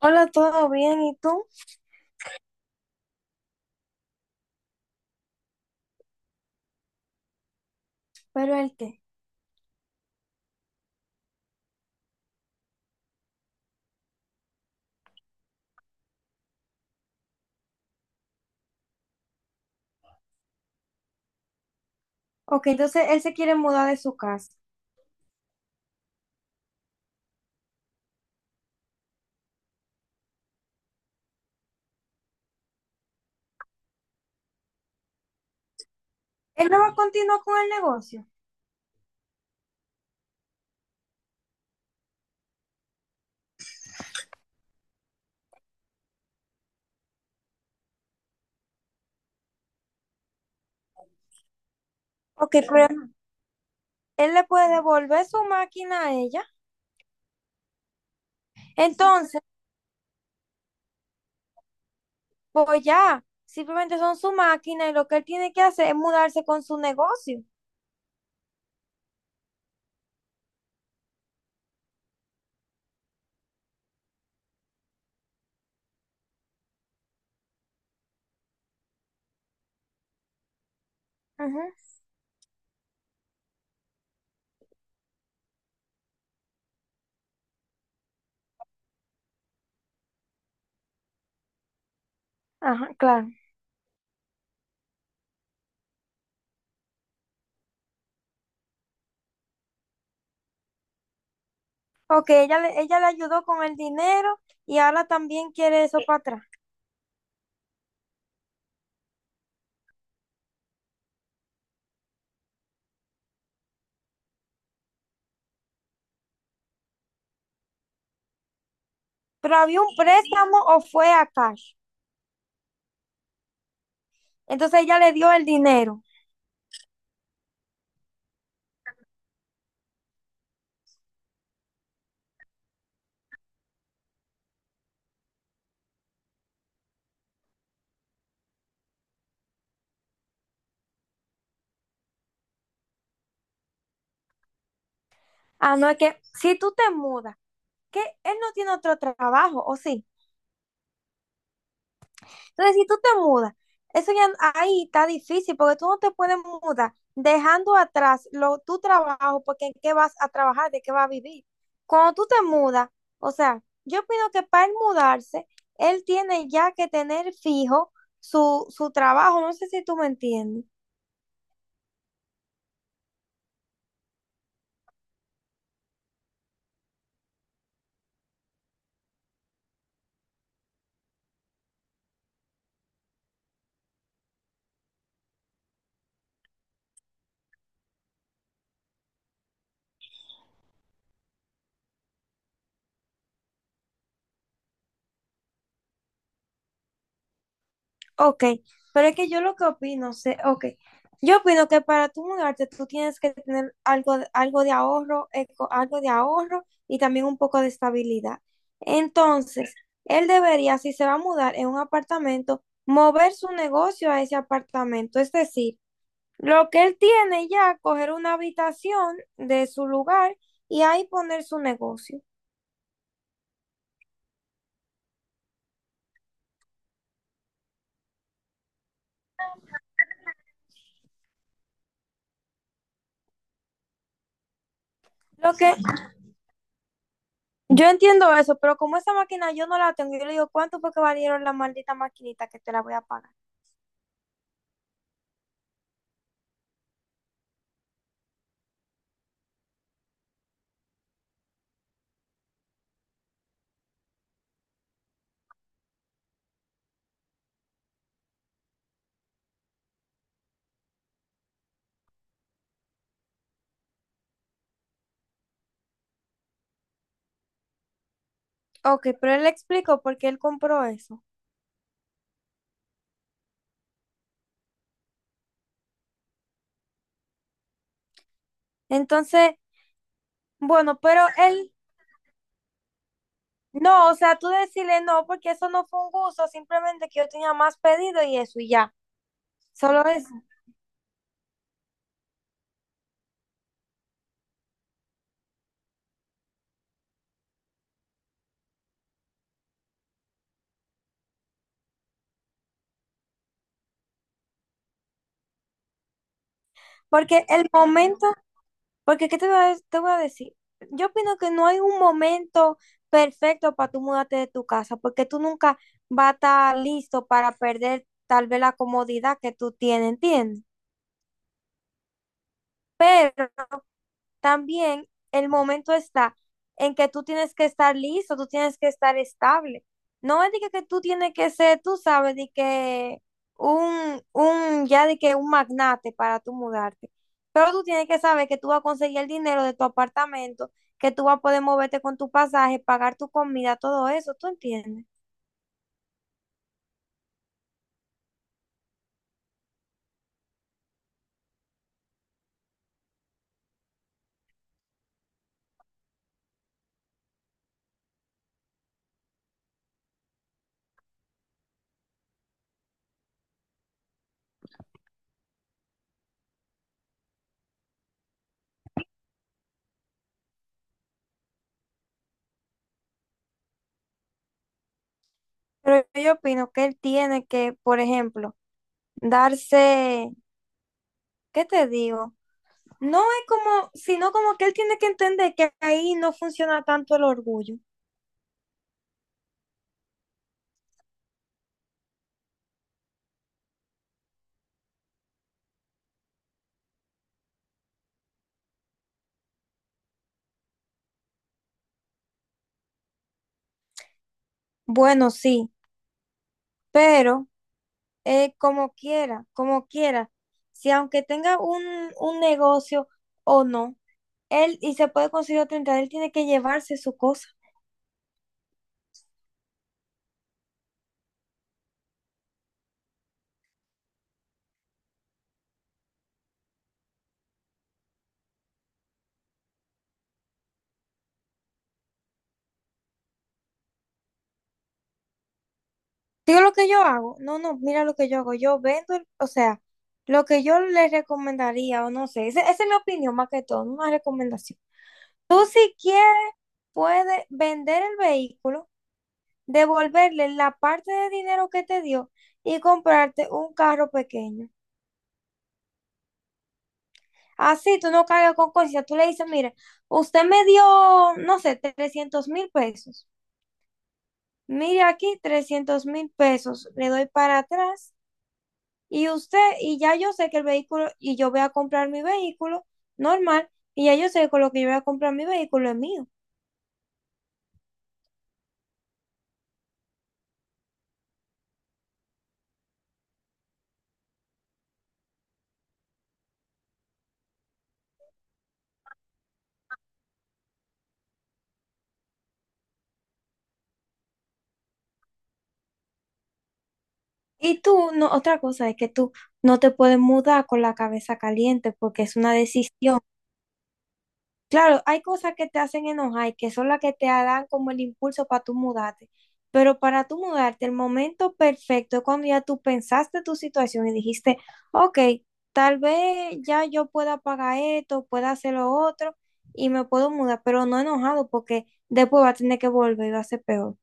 Hola, ¿todo bien? ¿Y tú? ¿Pero él qué? Ok, entonces él se quiere mudar de su casa. Él no va a continuar con el negocio. Ok, pero él le puede devolver su máquina a ella. Entonces, pues ya, simplemente son su máquina y lo que él tiene que hacer es mudarse con su negocio. Ajá. Ajá, claro. Ok, ella le ayudó con el dinero y ahora también quiere eso para atrás. Pero había un préstamo o fue a cash. Entonces ella le dio el dinero. Ah, no, es que si tú te mudas que él no tiene otro trabajo, ¿o sí? Entonces, si tú te mudas, eso ya ahí está difícil porque tú no te puedes mudar dejando atrás lo, tu trabajo porque en qué vas a trabajar, de qué vas a vivir. Cuando tú te mudas, o sea, yo opino que para él mudarse, él tiene ya que tener fijo su trabajo. No sé si tú me entiendes. Ok, pero es que yo lo que opino, sé, ok, yo opino que para tú mudarte tú tienes que tener algo, algo de ahorro, algo de ahorro y también un poco de estabilidad. Entonces, él debería, si se va a mudar en un apartamento, mover su negocio a ese apartamento. Es decir, lo que él tiene ya, coger una habitación de su lugar y ahí poner su negocio. Lo que, Yo entiendo eso, pero como esa máquina yo no la tengo, yo le digo, ¿cuánto fue que valieron la maldita maquinita que te la voy a pagar? Ok, pero él le explicó por qué él compró eso. Entonces, bueno, no, o sea, tú decirle no, porque eso no fue un gusto, simplemente que yo tenía más pedido y eso, y ya, solo eso. Porque el momento, Porque, ¿qué te voy a, te voy a decir? Yo opino que no hay un momento perfecto para tú mudarte de tu casa, porque tú nunca vas a estar listo para perder tal vez la comodidad que tú tienes, ¿entiendes? Pero también el momento está en que tú tienes que estar listo, tú tienes que estar estable. No es de que tú tienes que ser, tú sabes, de que ya de que un magnate para tú mudarte. Pero tú tienes que saber que tú vas a conseguir el dinero de tu apartamento, que tú vas a poder moverte con tu pasaje, pagar tu comida, todo eso, ¿tú entiendes? Pero yo opino que él tiene que, por ejemplo, darse, ¿qué te digo? No es como, sino como que él tiene que entender que ahí no funciona tanto el orgullo. Bueno, sí, pero como quiera, si aunque tenga un negocio o no, él y se puede conseguir otra entrada, él tiene que llevarse su cosa. Digo lo que yo hago, no, no, mira lo que yo hago, yo vendo, o sea, lo que yo le recomendaría o no sé, esa es mi opinión más que todo, no una recomendación. Tú si quieres, puedes vender el vehículo devolverle la parte de dinero que te dio y comprarte un carro pequeño. Así tú no cargas con conciencia. Tú le dices, mire, usted me dio, no sé, 300,000 pesos. Mire aquí, 300,000 pesos. Le doy para atrás y usted, y ya yo sé que el vehículo, y yo voy a comprar mi vehículo normal, y ya yo sé que con lo que yo voy a comprar mi vehículo es mío. Y tú, no, otra cosa es que tú no te puedes mudar con la cabeza caliente porque es una decisión. Claro, hay cosas que te hacen enojar y que son las que te dan como el impulso para tú mudarte. Pero para tú mudarte, el momento perfecto es cuando ya tú pensaste tu situación y dijiste, ok, tal vez ya yo pueda pagar esto, pueda hacer lo otro y me puedo mudar, pero no enojado porque después va a tener que volver y va a ser peor.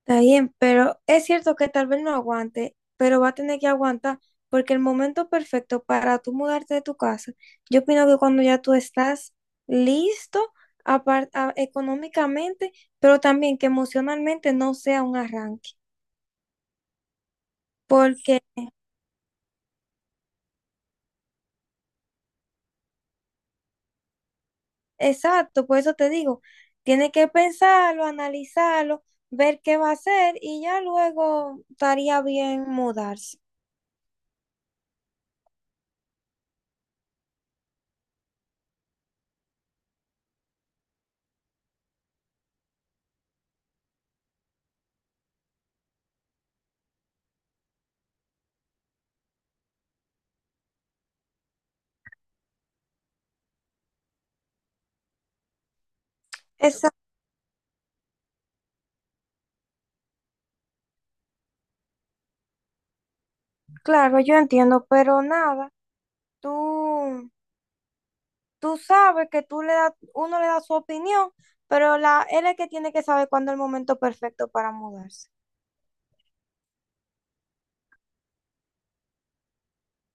Está bien, pero es cierto que tal vez no aguante, pero va a tener que aguantar porque el momento perfecto para tú mudarte de tu casa, yo opino que cuando ya tú estás listo económicamente, pero también que emocionalmente no sea un arranque. Porque, exacto, por eso te digo, tiene que pensarlo, analizarlo, ver qué va a hacer y ya luego estaría bien mudarse. Exacto, claro, yo entiendo, pero nada, tú... tú sabes que tú le das, uno le da su opinión, pero la, él es el que tiene que saber cuándo es el momento perfecto para mudarse.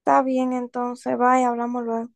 Está bien, entonces, bye, hablamos luego.